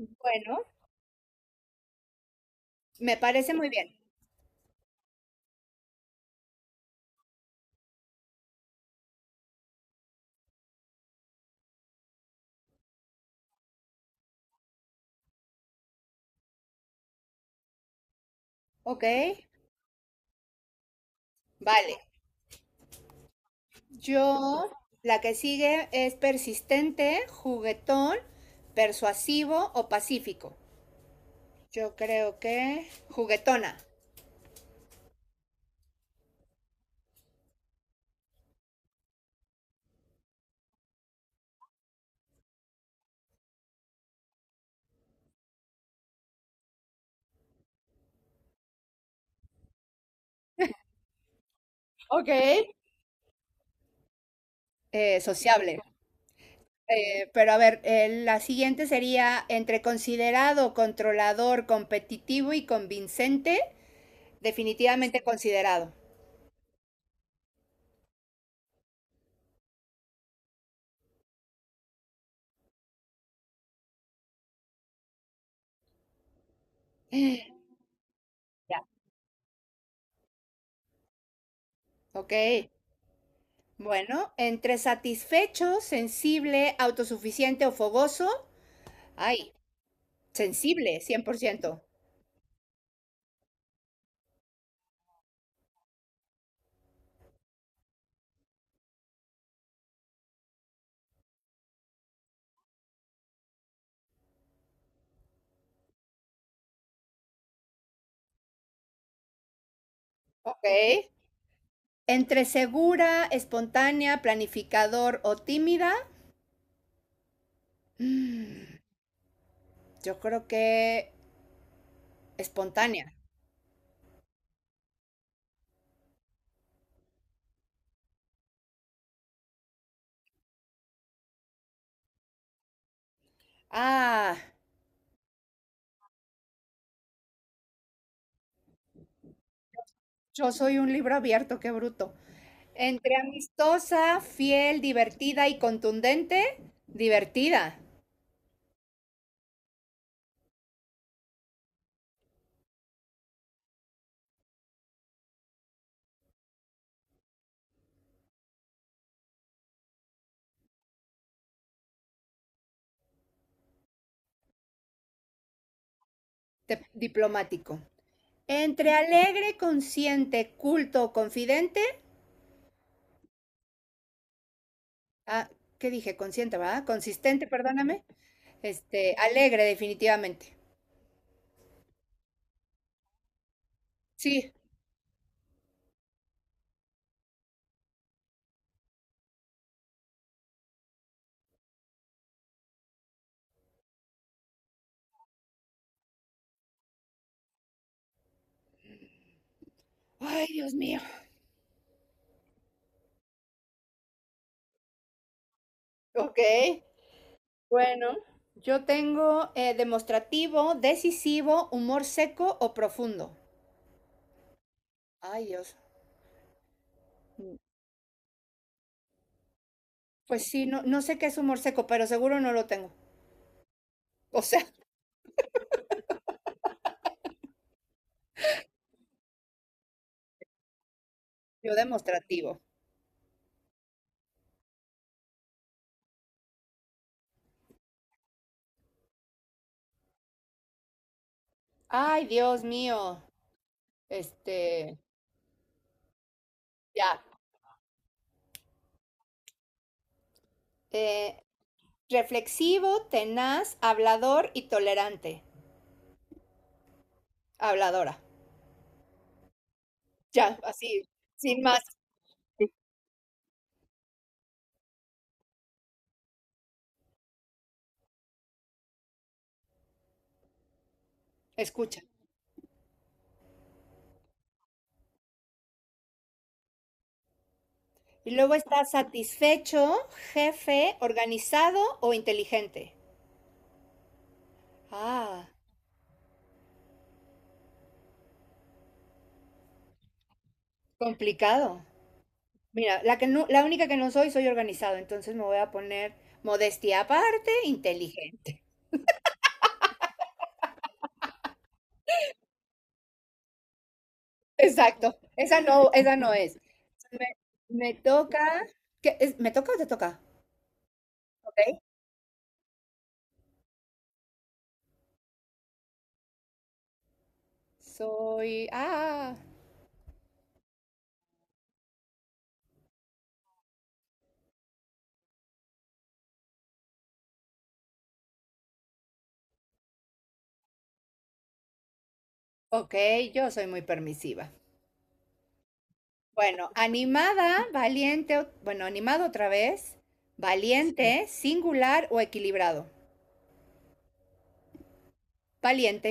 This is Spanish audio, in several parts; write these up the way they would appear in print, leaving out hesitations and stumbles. Bueno, me parece muy bien. Ok, vale. Yo, la que sigue es persistente, juguetón, persuasivo o pacífico. Yo creo que juguetona. Ok. Sociable. Pero a ver, la siguiente sería entre considerado, controlador, competitivo y convincente, definitivamente considerado. Ya. Ok. Bueno, entre satisfecho, sensible, autosuficiente o fogoso. Ay, sensible, 100%. Ok. Entre segura, espontánea, planificador o tímida. mm, Yo creo que espontánea. Ah, yo soy un libro abierto, qué bruto. Entre amistosa, fiel, divertida y contundente. Divertida. Diplomático. Entre alegre, consciente, culto o confidente. Ah, ¿qué dije? Consciente, ¿verdad? Consistente, perdóname. Alegre, definitivamente. Sí. Ay, Dios mío. Ok, bueno. Yo tengo demostrativo, decisivo, humor seco o profundo. Ay, Dios. Mm, Pues sí, no, no sé qué es humor seco, pero seguro no lo tengo. O sea, yo demostrativo. Ay, Dios mío. Este, ya. Eh, reflexivo, tenaz, hablador y tolerante. Habladora. Ya, así, sin más, escucha. Y luego está satisfecho, jefe, organizado o inteligente. Ah, complicado. Mira, la única que no soy, soy organizado, entonces me voy a poner modestia aparte, inteligente. Exacto, esa no es. Me, me toca, ¿qué es? ¿Me toca o te toca? Ok. Soy, ah, ok, yo soy muy permisiva. Bueno, animada, valiente, bueno, animado otra vez, valiente, singular o equilibrado. Valiente.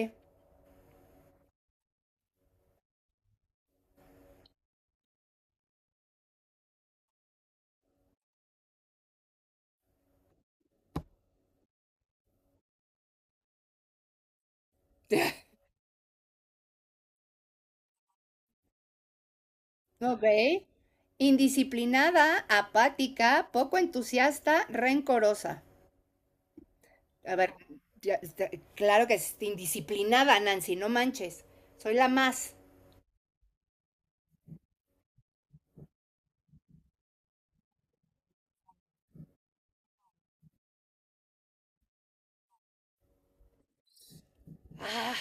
Ok. Indisciplinada, apática, poco entusiasta, rencorosa. A ver, claro que es indisciplinada, Nancy, no manches. Soy la más. Ah,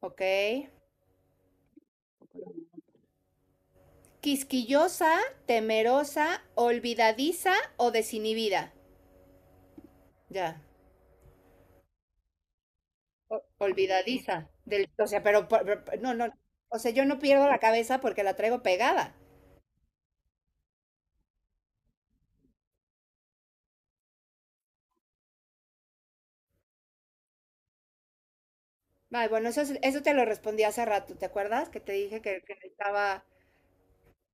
ok. Quisquillosa, temerosa, olvidadiza o desinhibida. Ya. Olvidadiza. O sea, pero, no, no. O sea, yo no pierdo la cabeza porque la traigo pegada. Ay, bueno, eso, eso te lo respondí hace rato, ¿te acuerdas? Que te dije que necesitaba,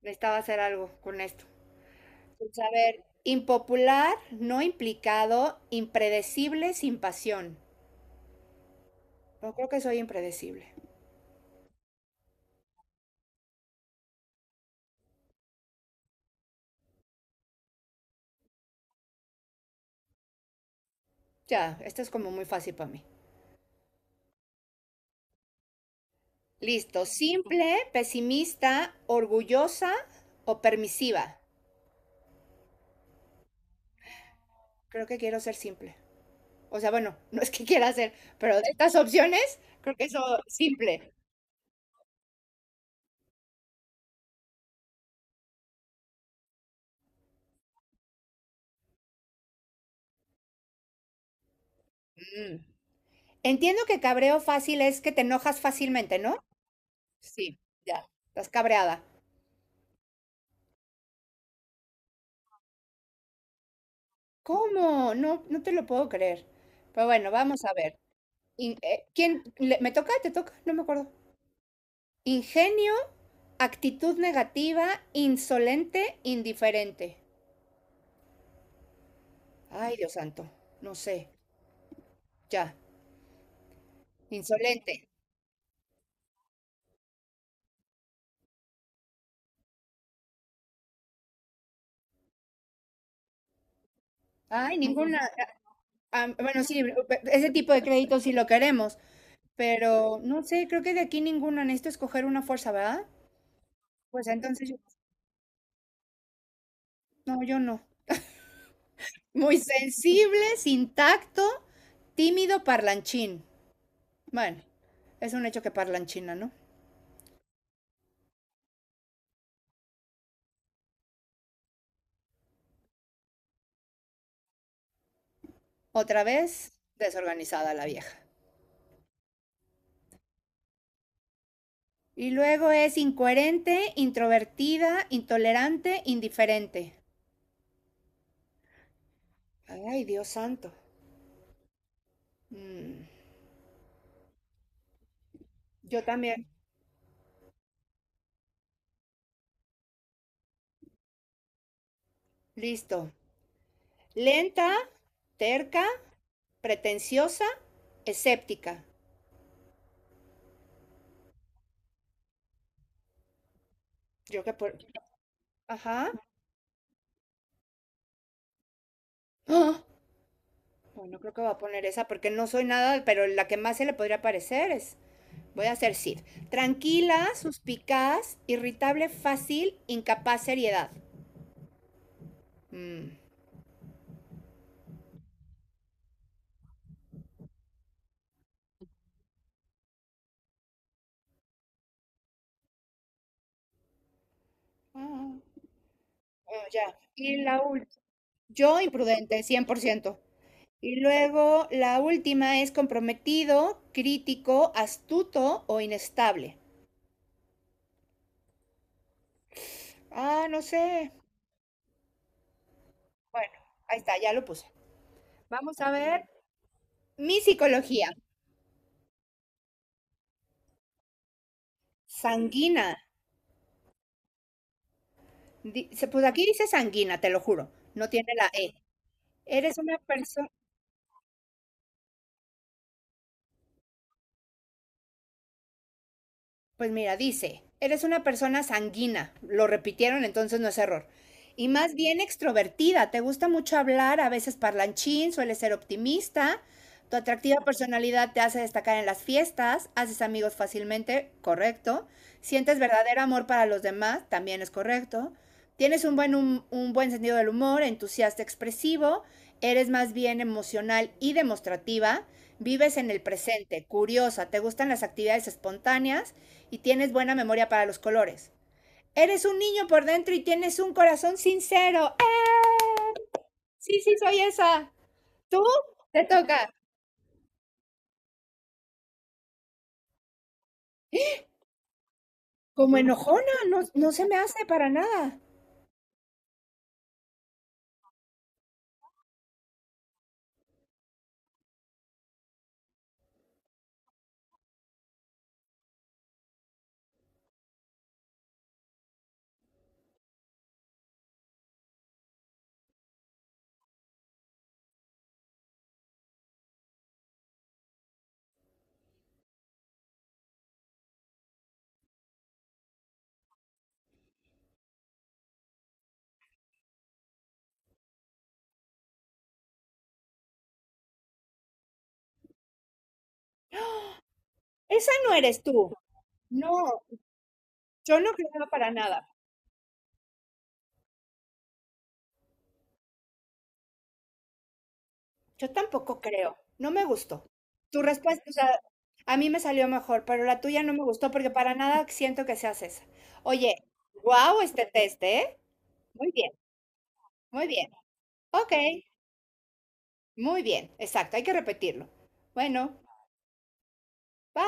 necesitaba hacer algo con esto. Pues, a ver, impopular, no implicado, impredecible, sin pasión. No creo que soy impredecible. Ya, esto es como muy fácil para mí. Listo, simple, pesimista, orgullosa o permisiva. Creo que quiero ser simple. O sea, bueno, no es que quiera hacer, pero de estas opciones, creo que eso simple. Mm. Entiendo que cabreo fácil es que te enojas fácilmente, ¿no? Sí. Ya, estás cabreada. ¿Cómo? No, no te lo puedo creer. Pero bueno, vamos a ver. ¿Quién me toca? ¿Te toca? No me acuerdo. Ingenio, actitud negativa, insolente, indiferente. Ay, Dios santo, no sé. Ya, insolente. Ay, ninguna. Bueno, sí, ese tipo de créditos sí lo queremos. Pero no sé, creo que de aquí ninguno. Necesito escoger una fuerza, ¿verdad? Pues entonces, no, yo no. Muy sensible, sin tacto, tímido, parlanchín. Bueno, es un hecho que parlanchina, ¿no? Otra vez, desorganizada la vieja. Y luego es incoherente, introvertida, intolerante, indiferente. Ay, Dios santo. Mm, yo también. Listo. Lenta, terca, pretenciosa, escéptica. Yo que por, Ajá. ¡Ah! Bueno, creo que voy a poner esa porque no soy nada, pero la que más se le podría parecer es, voy a hacer Sid. Tranquila, suspicaz, irritable, fácil, incapaz, seriedad. Mm. Ah, bueno, ya. Y la última, yo imprudente, 100%. Y luego la última es comprometido, crítico, astuto o inestable. Ah, no sé. Bueno, ahí está, ya lo puse. Vamos a ver. Mi psicología, sanguina. Dice, pues aquí dice sanguina, te lo juro, no tiene la E. Eres una persona, Pues mira, dice, eres una persona sanguínea, lo repitieron, entonces no es error. Y más bien extrovertida, te gusta mucho hablar, a veces parlanchín, sueles ser optimista, tu atractiva personalidad te hace destacar en las fiestas, haces amigos fácilmente, correcto. Sientes verdadero amor para los demás, también es correcto. Tienes un buen sentido del humor, entusiasta, expresivo, eres más bien emocional y demostrativa, vives en el presente, curiosa, te gustan las actividades espontáneas y tienes buena memoria para los colores. Eres un niño por dentro y tienes un corazón sincero. ¡Eh! Sí, sí, soy esa. Tú Te toca. Como enojona, no, no se me hace para nada. Esa no eres tú. No, yo no creo para nada. Yo tampoco creo. No me gustó. Tu respuesta, o sea, a mí me salió mejor, pero la tuya no me gustó porque para nada siento que seas esa. Oye, wow, este test, ¿eh? Muy bien, muy bien. Ok. Muy bien, exacto, hay que repetirlo. Bueno, bye.